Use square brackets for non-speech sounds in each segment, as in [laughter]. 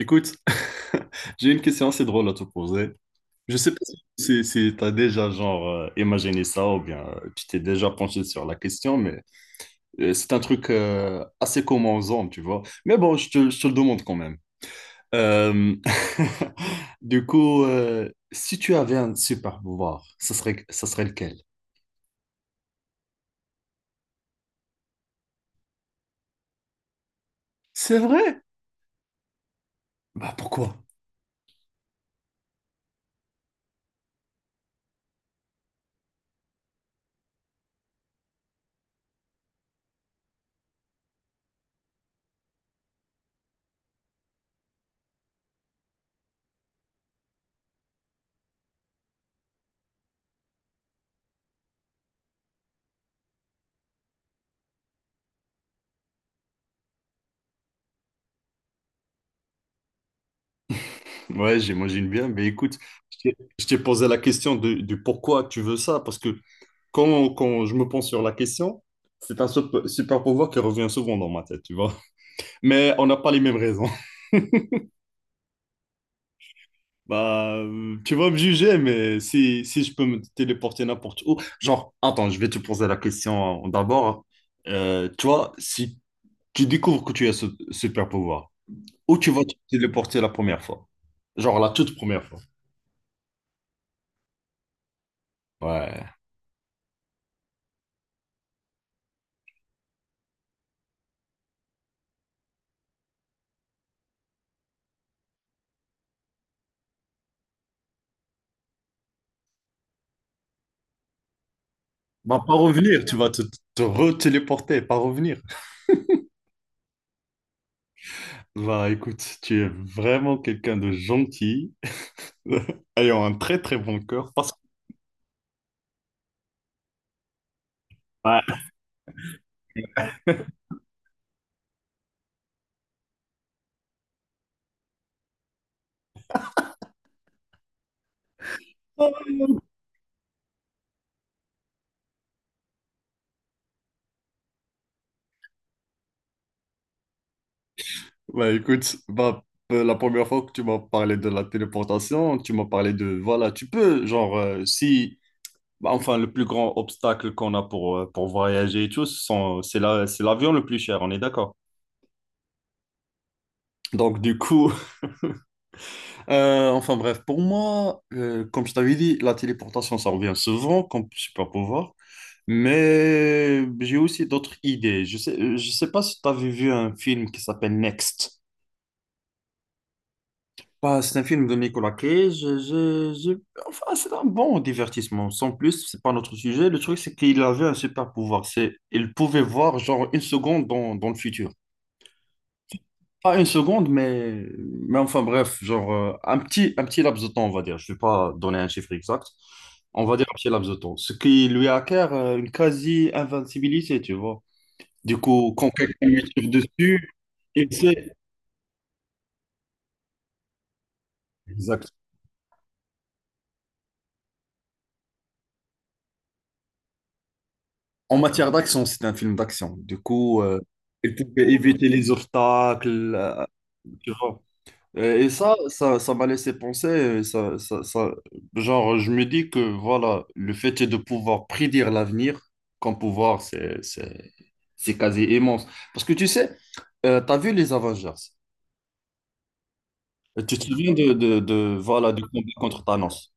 Écoute, [laughs] j'ai une question assez drôle à te poser. Je sais pas si, tu as déjà genre imaginé ça ou bien tu t'es déjà penché sur la question, mais c'est un truc assez commun aux hommes, tu vois. Mais bon, je te le demande quand même. Euh, [laughs] du coup, si tu avais un super pouvoir, ça serait lequel? C'est vrai? Bah, pourquoi? Ouais, j'imagine bien, mais écoute, je t'ai posé la question du pourquoi tu veux ça, parce que quand je me pense sur la question, c'est un super pouvoir qui revient souvent dans ma tête, tu vois. Mais on n'a pas les mêmes raisons. [laughs] Bah, tu vas me juger, mais si je peux me téléporter n'importe où, genre, attends, je vais te poser la question d'abord, hein. Tu vois, si tu découvres que tu as ce super pouvoir, où tu vas te téléporter la première fois? Genre la toute première fois. Ouais. Bah, pas revenir, tu vas te re-téléporter, pas revenir. Bah, écoute, tu es vraiment quelqu'un de gentil, [laughs] ayant un très très bon cœur. Parce que, ouais, bah écoute, bah, la première fois que tu m'as parlé de la téléportation, tu m'as parlé voilà, tu peux, genre, si, bah, enfin, le plus grand obstacle qu'on a pour voyager et tout, c'est l'avion le plus cher, on est d'accord. Donc, du coup, [laughs] enfin bref, pour moi, comme je t'avais dit, la téléportation, ça revient souvent comme super pouvoir. Mais j'ai aussi d'autres idées. Je sais pas si tu avais vu un film qui s'appelle Next. Bah, c'est un film de Nicolas Cage. Enfin, c'est un bon divertissement. Sans plus, c'est pas notre sujet. Le truc, c'est qu'il avait un super pouvoir. Il pouvait voir genre une seconde dans le futur. Pas une seconde, mais enfin bref, genre un petit laps de temps, on va dire. Je vais pas donner un chiffre exact. On va dire un petit laps de temps. Ce qui lui acquiert une quasi-invincibilité, tu vois. Du coup, quand quelqu'un lui tire dessus, il sait. Exactement. En matière d'action, c'est un film d'action. Du coup, il pouvait éviter les obstacles, tu vois. Et ça m'a laissé penser, genre, je me dis que, voilà, le fait de pouvoir prédire l'avenir, comme pouvoir, c'est quasi immense. Parce que tu sais, t'as vu les Avengers, et tu te souviens voilà, du combat contre Thanos.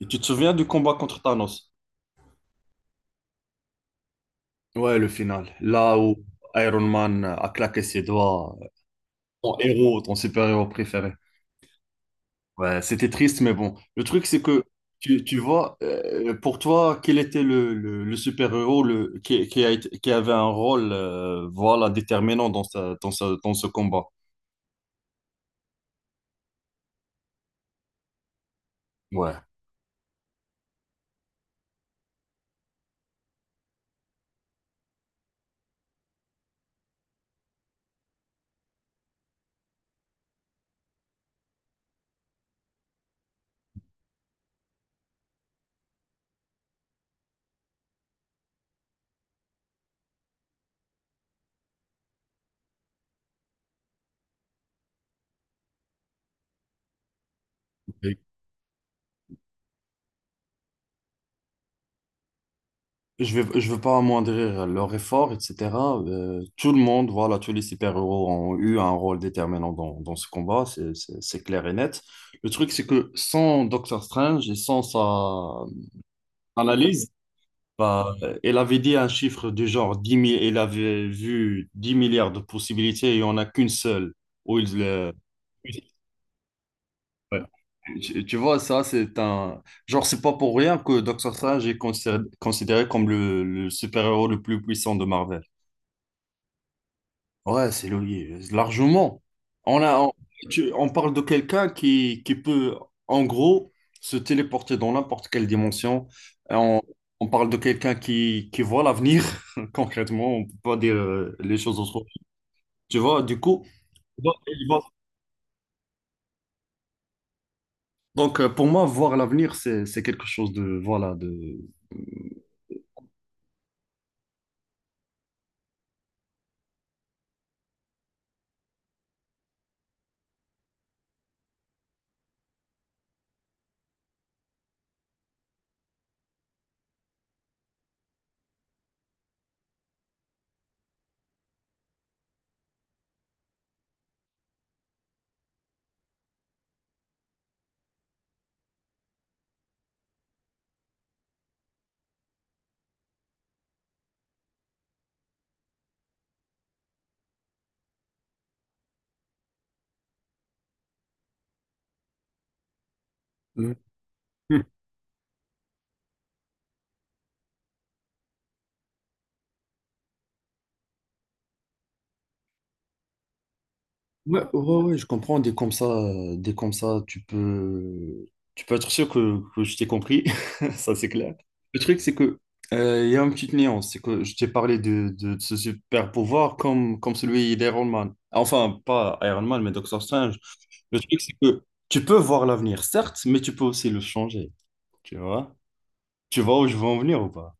Et tu te souviens du combat contre Thanos? Ouais, le final, là où Iron Man a claqué ses doigts. Ton héros, ton super-héros préféré. Ouais, c'était triste, mais bon. Le truc, c'est que tu vois, pour toi, quel était le, super-héros le, qui, a été- qui avait un rôle voilà, déterminant dans ce combat? Ouais. Et je veux pas amoindrir leur effort, etc. Tout le monde, voilà, tous les super-héros ont eu un rôle déterminant dans ce combat, c'est clair et net. Le truc, c'est que sans Doctor Strange et sans sa analyse, bah, elle avait dit un chiffre du genre dix 000, elle avait vu 10 milliards de possibilités et il n'y en a qu'une seule. Où ils, ouais. Tu vois, ça, c'est un. Genre, c'est pas pour rien que Doctor Strange est considéré comme le super-héros le plus puissant de Marvel. Ouais, c'est Louis, largement. On a, on, tu- on parle de quelqu'un qui peut, en gros, se téléporter dans n'importe quelle dimension. Et on parle de quelqu'un qui voit l'avenir, [laughs] concrètement. On ne peut pas dire les choses autrement. Tu vois, du coup, il va- il va- donc pour moi, voir l'avenir, c'est quelque chose de, voilà, de. Ouais, ouais, ouais, je comprends. Dès comme ça, tu peux être sûr que je t'ai compris. [laughs] Ça, c'est clair. Le truc, c'est que il y a une petite nuance. C'est que je t'ai parlé de ce super pouvoir comme celui d'Iron Man. Enfin, pas Iron Man, mais Doctor Strange. Le truc, c'est que tu peux voir l'avenir, certes, mais tu peux aussi le changer. Tu vois? Tu vois où je veux en venir ou pas?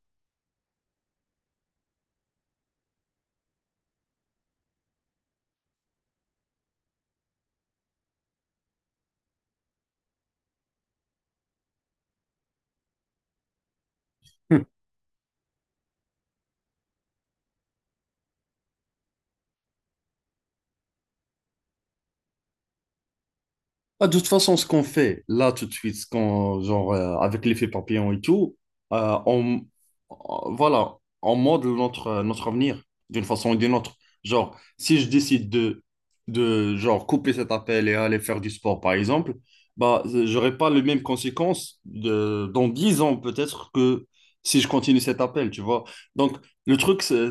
Ah, de toute façon, ce qu'on fait là tout de suite, genre, avec l'effet papillon et tout, euh, on, voilà, on modèle notre avenir d'une façon ou d'une autre. Genre, si je décide de genre, couper cet appel et aller faire du sport, par exemple, bah, j'aurai pas les mêmes conséquences dans 10 ans peut-être que si je continue cet appel, tu vois. Donc, le truc, c'est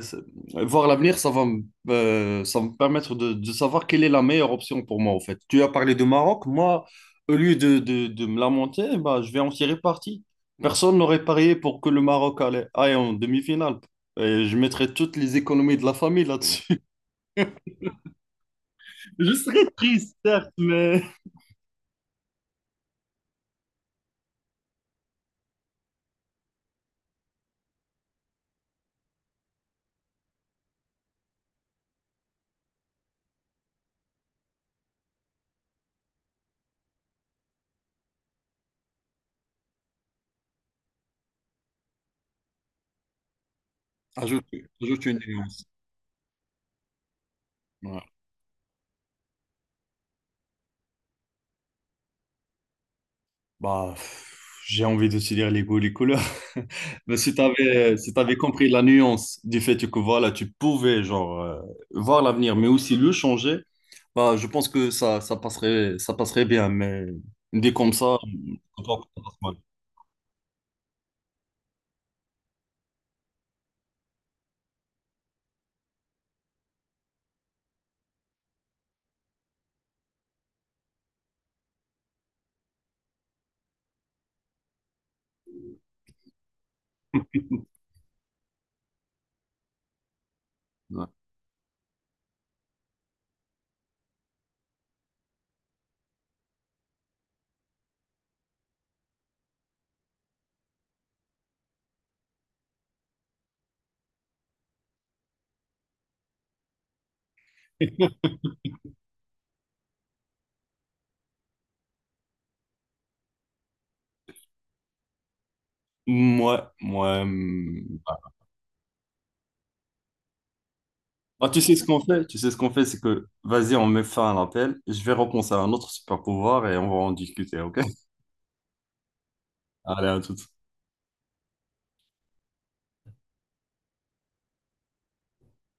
voir l'avenir, ça va me permettre de savoir quelle est la meilleure option pour moi, en fait. Tu as parlé de Maroc, moi, au lieu de me lamenter, bah, je vais en tirer parti. Personne n'aurait parié pour que le Maroc aille en demi-finale. Et je mettrais toutes les économies de la famille là-dessus. [laughs] Je serais triste, certes, mais... Ajoute, ajoute une nuance. Ouais. Bah, pff, j'ai envie de te dire les goûts, les couleurs. [laughs] Mais si tu avais, si t'avais compris la nuance du fait que voilà, tu pouvais genre voir l'avenir, mais aussi le changer, bah, je pense que ça passerait, ça passerait, bien. Mais dit comme ça, je crois que ça passe mal. Ouais. Moi, ah, tu sais ce qu'on fait? Tu sais ce qu'on fait, c'est que vas-y, on met fin à l'appel. Je vais repenser à un autre super pouvoir et on va en discuter, ok? [laughs] Allez, à tout.